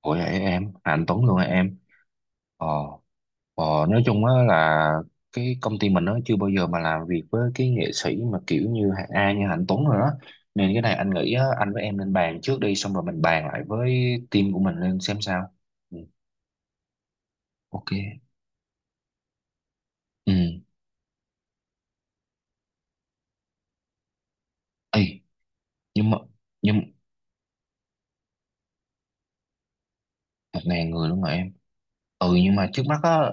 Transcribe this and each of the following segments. Ủa vậy em, à, anh Tuấn luôn hả em? Ờ, ờ nói chung á là cái công ty mình nó chưa bao giờ mà làm việc với cái nghệ sĩ mà kiểu như hạng A như Hạnh Tuấn rồi đó. Nên cái này anh nghĩ á, anh với em nên bàn trước đi xong rồi mình bàn lại với team của mình lên xem sao. Ừ, ok. Ừ. Ê, nhưng mà nhưng 1.000 người luôn rồi em. Ừ nhưng mà trước mắt á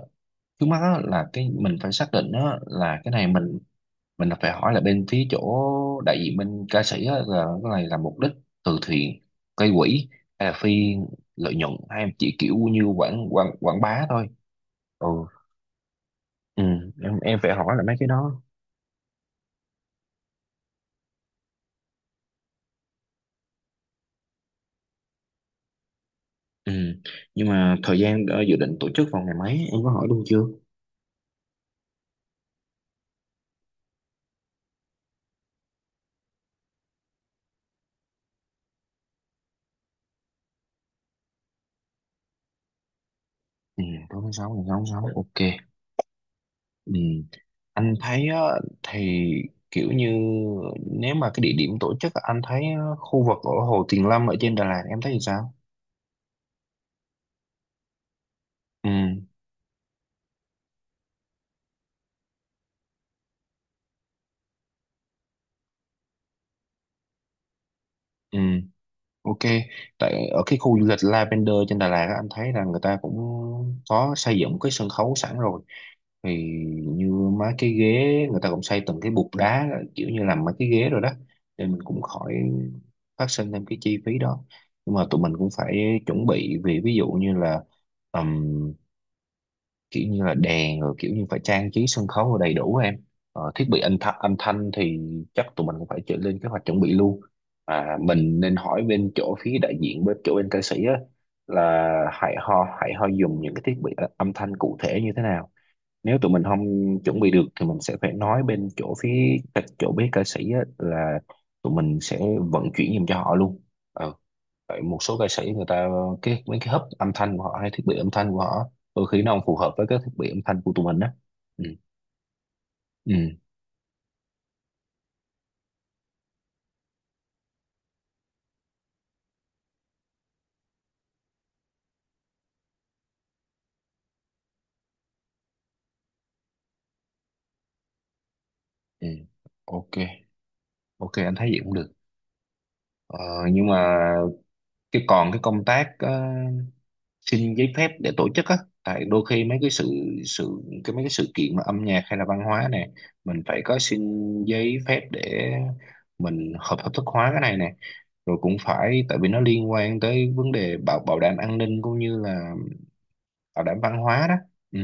trước mắt á là cái phải xác định á là cái này mình là phải hỏi là bên phía chỗ đại diện bên ca sĩ á, là cái này là mục đích từ thiện, gây quỹ hay là phi lợi nhuận hay em chỉ kiểu như quảng quảng quảng bá thôi. ừ, ừ em phải hỏi là mấy cái đó. Ừ nhưng mà thời gian dự định tổ chức vào ngày mấy em có hỏi luôn chưa? Ừ, tối tháng sáu ngày 6 tháng 6, ok. Ừ anh thấy á, thì kiểu như nếu mà cái địa điểm tổ chức á, anh thấy khu vực ở Hồ Tuyền Lâm ở trên Đà Lạt em thấy thì sao? Ừ. Ừ. Ok, tại ở cái khu du lịch Lavender trên Đà Lạt á, anh thấy là người ta cũng có xây dựng cái sân khấu sẵn rồi. Thì như mấy cái ghế người ta cũng xây từng cái bục đá, kiểu như làm mấy cái ghế rồi đó, thì mình cũng khỏi phát sinh thêm cái chi phí đó. Nhưng mà tụi mình cũng phải chuẩn bị vì ví dụ như là kiểu như là đèn rồi kiểu như phải trang trí sân khấu rồi đầy đủ em. Thiết bị âm thanh thì chắc tụi mình cũng phải chuẩn lên kế hoạch chuẩn bị luôn. Mình nên hỏi bên chỗ phía đại diện bên chỗ bên ca sĩ á, là hãy ho dùng những cái thiết bị âm thanh cụ thể như thế nào. Nếu tụi mình không chuẩn bị được thì mình sẽ phải nói bên chỗ phía các chỗ bé ca sĩ á, là tụi mình sẽ vận chuyển giùm cho họ luôn. Ừ, tại một số ca sĩ người ta cái mấy cái hub âm thanh của họ hay thiết bị âm thanh của họ đôi khi nó không phù hợp với cái thiết bị âm thanh của tụi mình á. Ừ. Ừ. Ừ. Ok, ok anh thấy vậy cũng được. ờ, nhưng mà còn cái công tác xin giấy phép để tổ chức á, tại đôi khi mấy cái sự sự cái mấy cái sự kiện mà âm nhạc hay là văn hóa này mình phải có xin giấy phép để mình hợp hợp thức hóa cái này nè. Rồi cũng phải tại vì nó liên quan tới vấn đề bảo bảo đảm an ninh cũng như là bảo đảm văn hóa đó. Ừ.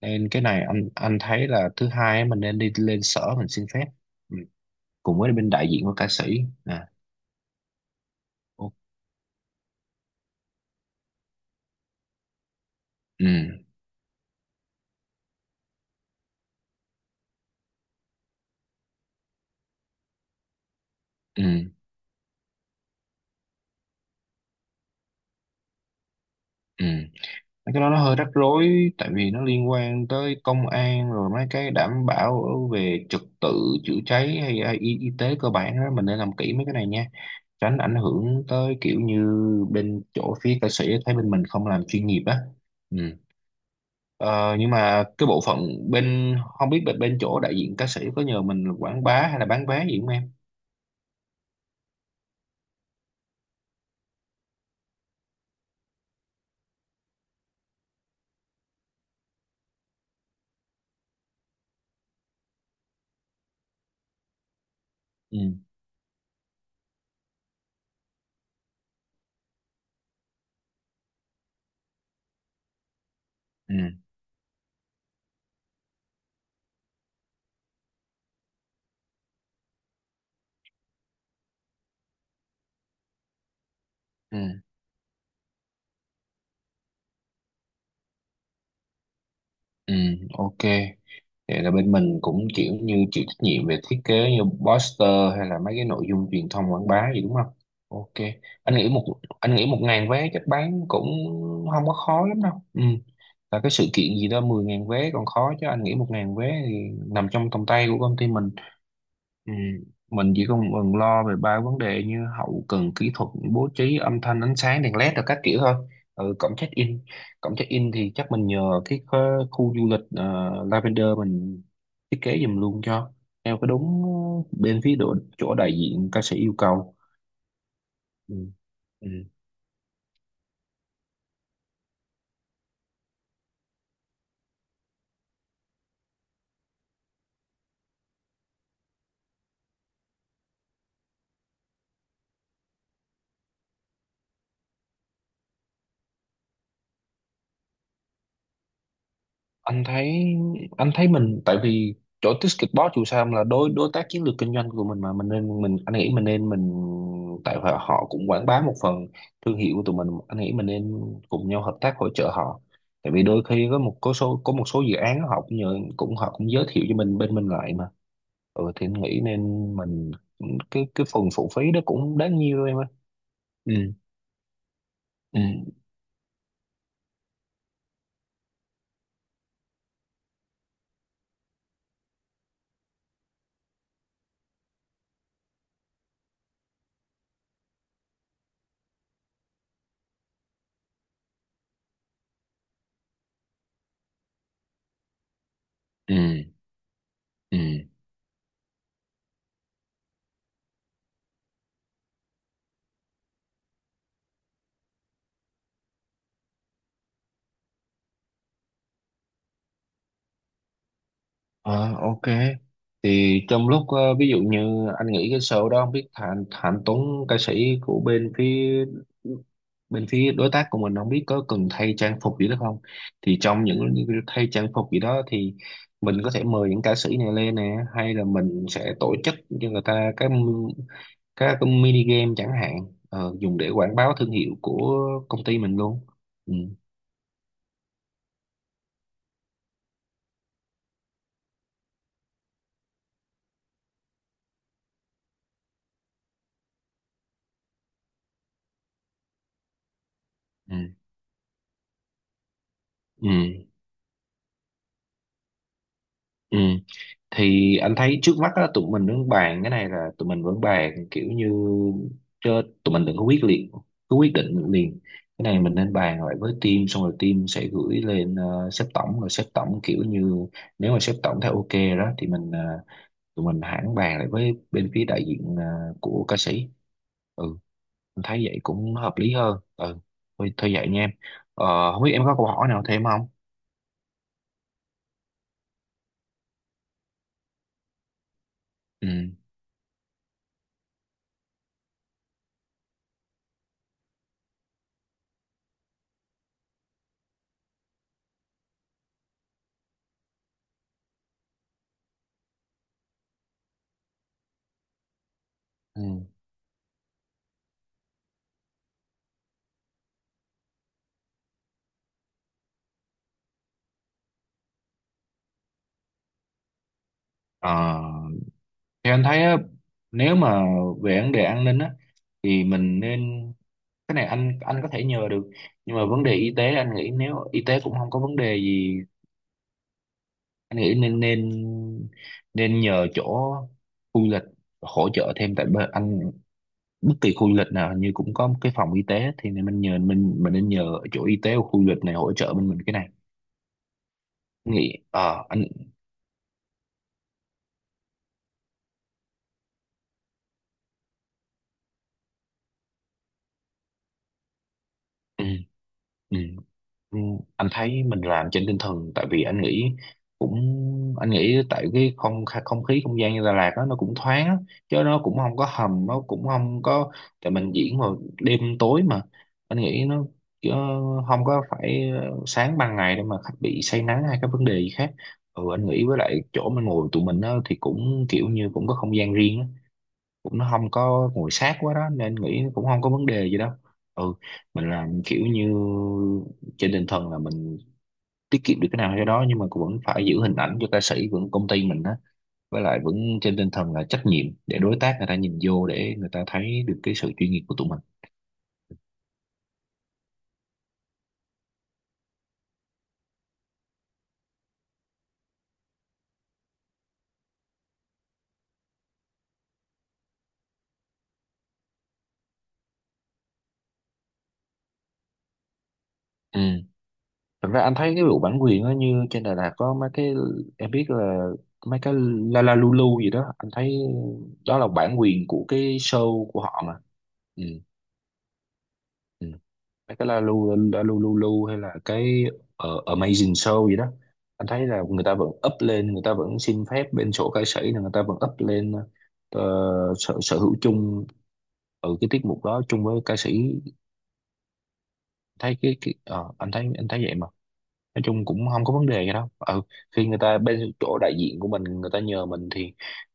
Nên cái này anh thấy là thứ hai á, mình nên đi lên sở mình xin phép, ừ, cùng với bên đại diện của ca sĩ. À. ok. Ừ. Ừ. Ừ. Mấy cái đó nó hơi rắc rối tại vì nó liên quan tới công an rồi mấy cái đảm bảo về trật tự chữa cháy hay y tế cơ bản đó, mình nên làm kỹ mấy cái này nha, tránh ảnh hưởng tới kiểu như bên chỗ phía ca sĩ thấy bên mình không làm chuyên nghiệp á. Ừ. Ờ, nhưng mà cái bộ phận bên không biết bên bên chỗ đại diện ca sĩ có nhờ mình quảng bá hay là bán vé gì không em? Ừ. Ừ. Ừ. Ừ. Ok. Vậy là bên mình cũng kiểu như chịu trách nhiệm về thiết kế như poster hay là mấy cái nội dung truyền thông quảng bá gì đúng không? Ok. Anh nghĩ một anh nghĩ 1.000 vé chắc bán cũng không có khó lắm đâu. Ừ. Là cái sự kiện gì đó 10.000 vé còn khó chứ anh nghĩ một ngàn vé thì nằm trong tầm tay của công ty mình. Ừ, mình chỉ còn còn lo về 3 vấn đề như hậu cần kỹ thuật, bố trí âm thanh, ánh sáng, đèn led rồi các kiểu thôi. Ừ, cổng check in thì chắc mình nhờ cái khu khu du lịch Lavender mình thiết kế giùm luôn cho, theo cái đúng bên phía độ, chỗ đại diện ca sĩ yêu cầu. Ừ. Ừ. anh thấy anh thấy mình tại vì chỗ Ticketbox dù sao là đối đối tác chiến lược kinh doanh của mình mà mình nên mình anh nghĩ mình nên. Tại họ họ cũng quảng bá một phần thương hiệu của tụi mình, anh nghĩ mình nên cùng nhau hợp tác hỗ trợ họ. Tại vì đôi khi có một số dự án họ cũng giới thiệu cho mình bên mình lại mà. Ừ thì anh nghĩ nên mình cái phần phụ phí đó cũng đáng nhiêu em ơi. Ừ. Ừ. Ừ. Ừ. Ờ, ok. Thì trong lúc ví dụ như anh nghĩ cái show đó không biết Thành Thành Tuấn, ca sĩ của bên phía đối tác của mình, không biết có cần thay trang phục gì đó không? Thì trong những thay trang phục gì đó thì mình có thể mời những ca sĩ này lên nè, hay là mình sẽ tổ chức cho người ta cái mini game chẳng hạn, dùng để quảng bá thương hiệu của công ty mình luôn. Ừ. Ừ. Ừ. Ừ. Thì anh thấy trước mắt á, tụi mình vẫn bàn kiểu như chứ tụi mình đừng có quyết liệt cứ quyết định liền. Cái này mình nên bàn lại với team xong rồi team sẽ gửi lên sếp tổng, rồi sếp tổng kiểu như nếu mà sếp tổng thấy ok đó thì mình tụi mình hẳn bàn lại với bên phía đại diện của ca sĩ. Ừ, anh thấy vậy cũng hợp lý hơn. Ừ. Thôi vậy nha em. Không biết em có câu hỏi nào thêm không? Ừ. Ừ. Ờ, Thì anh thấy á, nếu mà về vấn đề an ninh á thì mình nên cái này anh có thể nhờ được. Nhưng mà vấn đề y tế anh nghĩ nếu y tế cũng không có vấn đề gì, anh nghĩ nên nên nên nhờ chỗ khu du lịch hỗ trợ thêm. Tại bên anh, bất kỳ khu du lịch nào hình như cũng có một cái phòng y tế, thì nên mình nên nhờ chỗ y tế của khu du lịch này hỗ trợ bên mình cái này. Anh nghĩ ờ anh Ừ, ừ. Ừ, anh thấy mình làm trên tinh thần tại vì anh nghĩ cũng anh nghĩ tại cái không khí, không gian như Đà Lạt đó, nó cũng thoáng á, chứ nó cũng không có hầm, nó cũng không có, tại mình diễn vào đêm tối mà, anh nghĩ nó chứ không có phải sáng ban ngày để mà khách bị say nắng hay các vấn đề gì khác. Ừ anh nghĩ với lại chỗ mình ngồi tụi mình á, thì cũng kiểu như cũng có không gian riêng á, cũng nó không có nguội sát quá đó nên nghĩ cũng không có vấn đề gì đâu. Ừ, mình làm kiểu như trên tinh thần là mình tiết kiệm được cái nào cho đó, nhưng mà cũng vẫn phải giữ hình ảnh cho ca sĩ vẫn công ty mình á, với lại vẫn trên tinh thần là trách nhiệm để đối tác người ta nhìn vô để người ta thấy được cái sự chuyên nghiệp của tụi mình. Ừ. Thật ra anh thấy cái vụ bản quyền á, như trên Đà Lạt có mấy cái, em biết là mấy cái La La Lulu gì đó anh thấy đó là bản quyền của cái show của họ mà. Ừ. Ừ. Mấy cái La Lu La Lu Lu Lu hay là cái Amazing Show gì đó anh thấy là người ta vẫn up lên, người ta vẫn xin phép bên sổ ca sĩ là người ta vẫn up lên ờ, sở, sở hữu chung ở cái tiết mục đó chung với ca sĩ. Thấy cái ờ, Anh thấy vậy mà, nói chung cũng không có vấn đề gì đâu. Ừ, khi người ta bên chỗ đại diện của mình người ta nhờ mình thì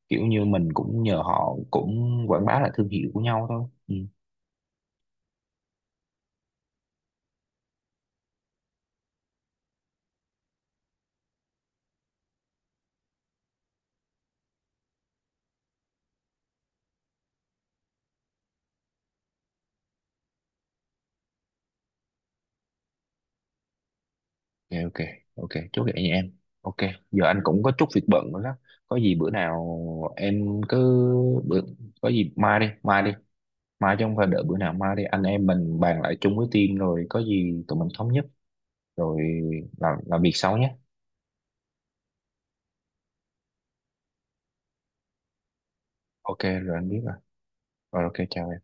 kiểu như mình cũng nhờ họ cũng quảng bá lại thương hiệu của nhau thôi. Ừ. ok ok Ok chốt vậy nha em. Ok. Giờ anh cũng có chút việc bận nữa đó, có gì bữa nào em cứ bữa có gì mai, chứ không phải đợi bữa nào, mai đi anh em mình bàn lại chung với team rồi có gì tụi mình thống nhất rồi làm việc sau nhé. Ok rồi anh biết rồi. Rồi ok, chào em.